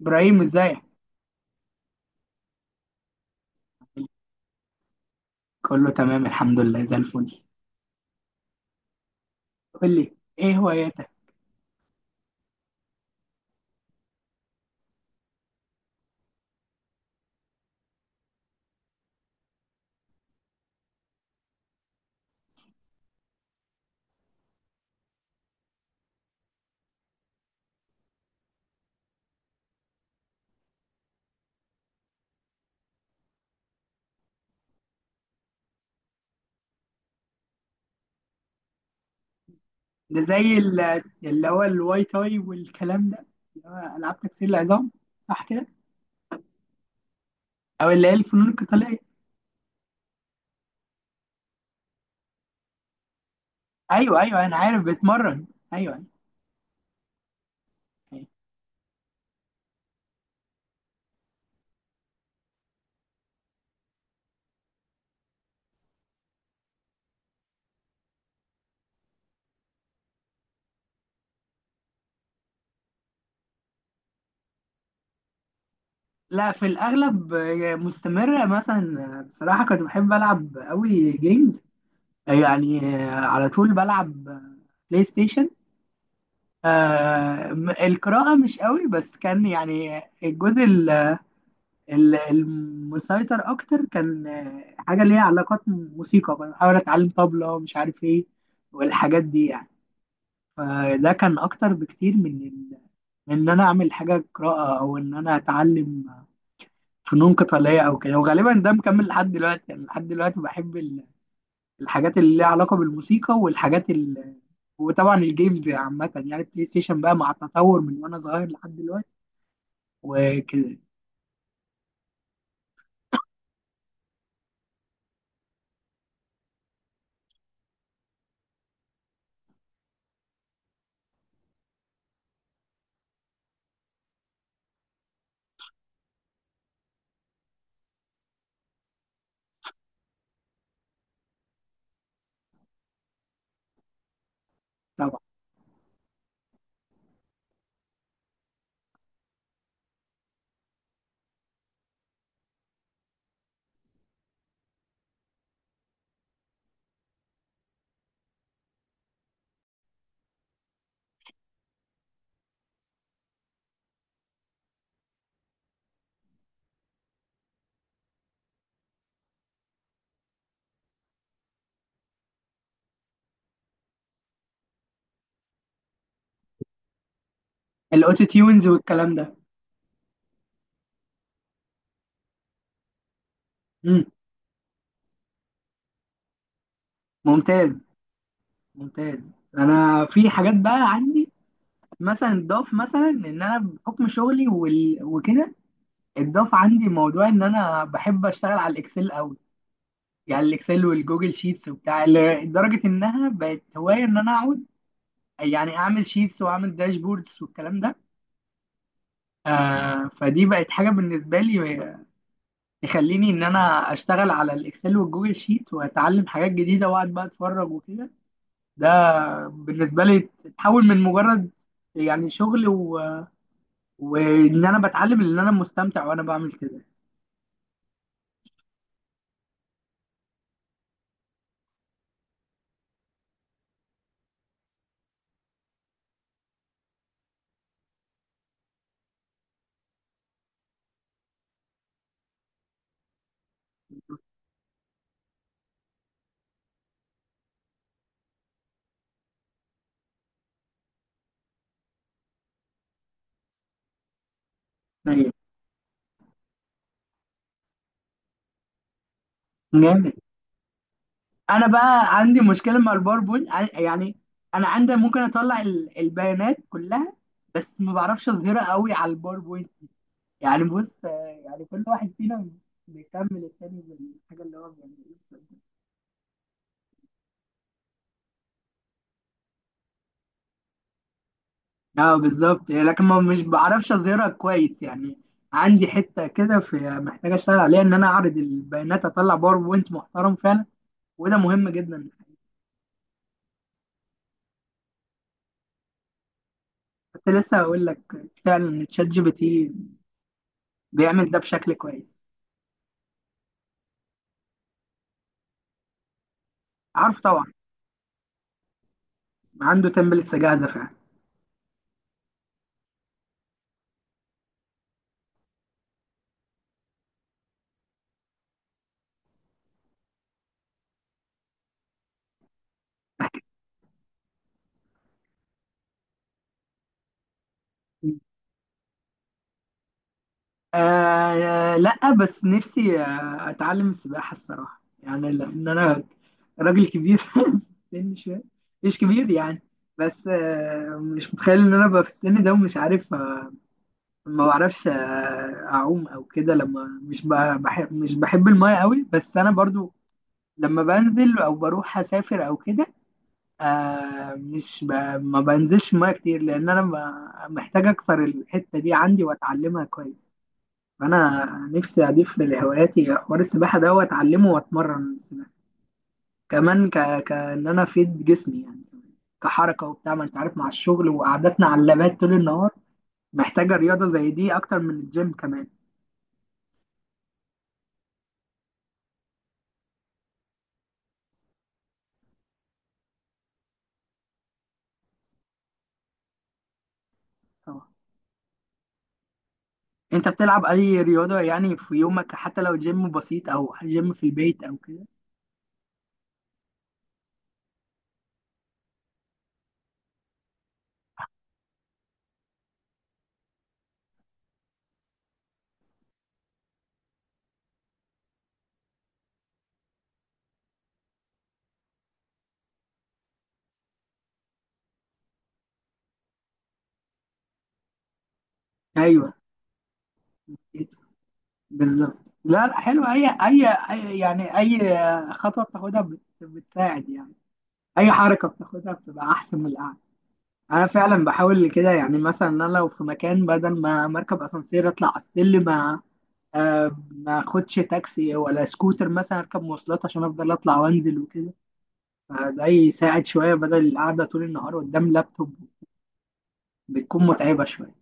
ابراهيم، ازيك؟ كله تمام الحمد لله زي الفل. قول لي ايه هواياتك؟ ده زي اللي هو الواي تاي والكلام ده، اللي هو العاب تكسير العظام، صح كده؟ او اللي هي الفنون القتاليه. ايوه ايوه، انا عارف بتمرن. ايوه ايوه. أيوة. لا، في الاغلب مستمره. مثلا بصراحه كنت بحب العب قوي جيمز. يعني على طول بلعب بلاي ستيشن. القراءه مش قوي، بس كان يعني الجزء المسيطر اكتر، كان حاجه ليها علاقات موسيقى. كنت بحاول اتعلم طبلة، مش عارف ايه، والحاجات دي يعني. فده كان اكتر بكتير من من ان انا اعمل حاجه قراءه، او ان انا اتعلم فنون قتاليه او كده. وغالبا ده مكمل لحد دلوقتي، يعني لحد دلوقتي بحب الحاجات اللي ليها علاقه بالموسيقى، وطبعا الجيمز عامه، يعني البلاي ستيشن بقى، مع التطور من وانا صغير لحد دلوقتي وكده. طبعا الاوتو تيونز والكلام ده. مم. ممتاز، ممتاز. انا في حاجات بقى عندي، مثلا اتضاف، مثلا ان انا بحكم شغلي وكده، اتضاف عندي موضوع ان انا بحب اشتغل على الاكسل قوي. يعني الاكسل والجوجل شيتس وبتاع، لدرجه انها بقت هوايه ان انا اقعد يعني اعمل شيتس واعمل داشبوردز والكلام ده. آه، فدي بقت حاجه بالنسبه لي تخليني ان انا اشتغل على الاكسل والجوجل شيت، واتعلم حاجات جديده، واقعد بقى اتفرج وكده. ده بالنسبه لي تحول من مجرد يعني شغل، وان انا بتعلم، ان انا مستمتع وانا بعمل كده. أيوة. جامد. انا بقى عندي مشكله مع الباوربوينت، يعني انا عندي ممكن اطلع البيانات كلها، بس ما بعرفش اظهرها قوي على الباوربوينت. يعني بص، يعني كل واحد فينا بيكمل التاني بالحاجه اللي هو بيعملها. اه، بالظبط، لكن ما مش بعرفش اظهرها كويس يعني. عندي حته كده في محتاج اشتغل عليها، ان انا اعرض البيانات، اطلع باوربوينت محترم فعلا، وده مهم جدا. كنت لسه هقول لك، فعلا تشات جي بي تي بيعمل ده بشكل كويس. عارف طبعا، عنده تمبلتس جاهزه فعلا. آه لا، بس نفسي اتعلم السباحه الصراحه، يعني لان انا راجل كبير في السن شويه. مش كبير يعني، بس مش متخيل ان انا ابقى في السن ده ومش عارف آه، ما بعرفش آه، اعوم او كده. لما مش بحب المايه قوي. بس انا برضو، لما بنزل او بروح اسافر او كده، آه مش ب... ما بنزلش المايه كتير، لان انا محتاج اكسر الحته دي عندي واتعلمها كويس. فانا نفسي اضيف لهواياتي حوار السباحه ده، واتعلمه واتمرن سباحه كمان، كان انا افيد جسمي، يعني كحركه وبتاع، ما انت عارف، مع الشغل وقعدتنا على اللابات طول النهار، محتاجه رياضه زي دي اكتر من الجيم كمان. طبعا. انت بتلعب اي رياضه يعني في يومك، حتى لو جيم بسيط او جيم في البيت او كده؟ ايوه، بالظبط. لا لا، حلو. يعني اي خطوه بتاخدها بتساعد يعني، اي حركه بتاخدها بتبقى احسن من القعده. انا فعلا بحاول كده، يعني مثلا انا لو في مكان، بدل ما مركب اسانسير اطلع على السلم، ما اخدش تاكسي ولا سكوتر مثلا، اركب مواصلات عشان افضل اطلع وانزل وكده. فده يساعد شويه بدل القعده طول النهار قدام لابتوب، بتكون متعبه شويه.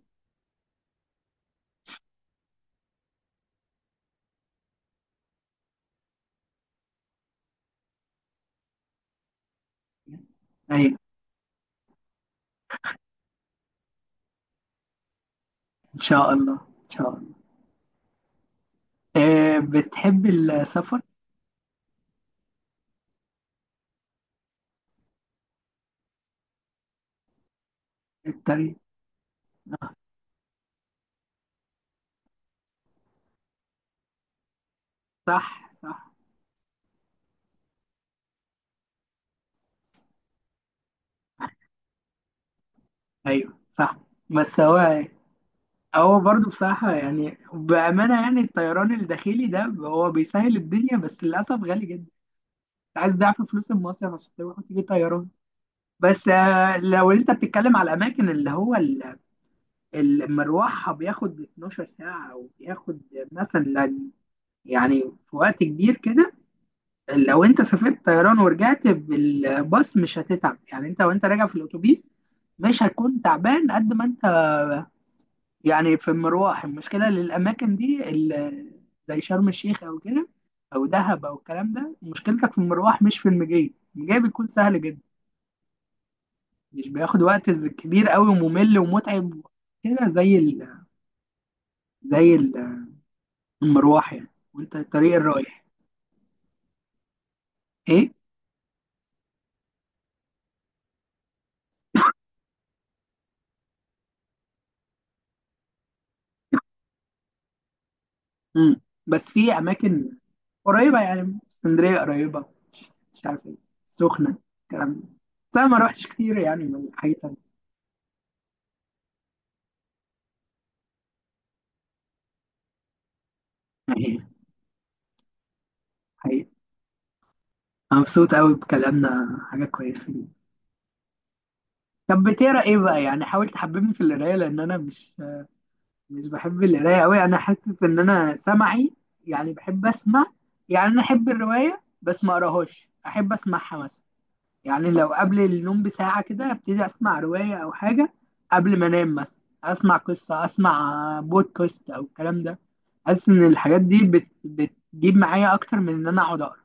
ايوه، ان شاء الله، ان شاء الله. بتحب السفر؟ الطريق. صح، صح. ايوه، صح. بس هو، هو برضه بصراحة، يعني بأمانة، يعني الطيران الداخلي ده هو بيسهل الدنيا، بس للأسف غالي جدا. انت عايز ضعف فلوس المصيف عشان تروح وتيجي طيران. بس لو انت بتتكلم على الأماكن اللي هو مروحها بياخد 12 ساعة، أو بياخد مثلا، يعني في وقت كبير كده. لو انت سافرت طيران ورجعت بالباص، مش هتتعب، يعني انت وانت راجع في الأتوبيس مش هتكون تعبان قد ما انت يعني في المروح. المشكلة للأماكن دي زي شرم الشيخ أو كده، أو دهب أو الكلام ده، مشكلتك في المروح مش في المجي. المجي بيكون سهل جدا، مش بياخد وقت كبير قوي وممل ومتعب كده، زي زي ال- المروح يعني، وأنت الطريق الرايح. إيه؟ مم. بس في أماكن قريبة، يعني اسكندرية قريبة، مش عارف إيه، السخنة، الكلام ده، بس أنا ما روحتش كتير، يعني من حاجة تانية. حقيقي، حقيقي. أنا مبسوط قوي بكلامنا، حاجة كويسة. طب بتقرا ايه بقى؟ يعني حاول تحببني في القرايه، لان انا مش مش بحب القرايه قوي. انا حاسس ان انا سمعي، يعني بحب اسمع، يعني انا احب الروايه بس ما اقراهاش، احب اسمعها مثلا. يعني لو قبل النوم بساعه كده ابتدي اسمع روايه او حاجه، قبل ما انام مثلا اسمع قصه، اسمع بودكاست او الكلام ده. حاسس ان الحاجات دي بتجيب معايا اكتر من ان انا اقعد اقرا.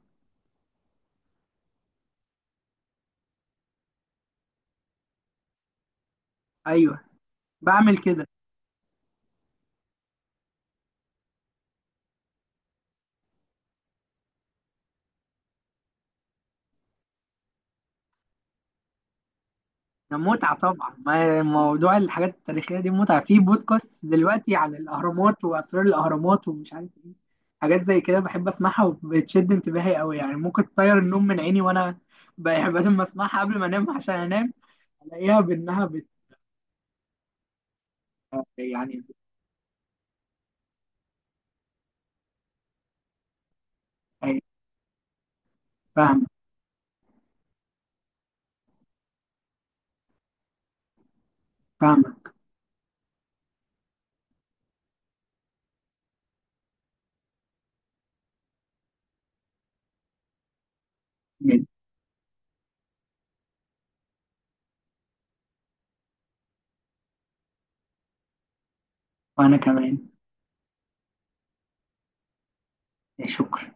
ايوه، بعمل كده. ده متعة طبعا. موضوع الحاجات التاريخية دي متعة، في بودكاست دلوقتي عن الأهرامات وأسرار الأهرامات ومش عارف إيه. حاجات زي كده بحب أسمعها وبتشد انتباهي أوي، يعني ممكن تطير النوم من عيني، وأنا بحب لما أسمعها قبل ما أنام عشان أنام ألاقيها بأنها يعني بت- فاهمة، فاهمة جدا. وأنا كمان. شكرا.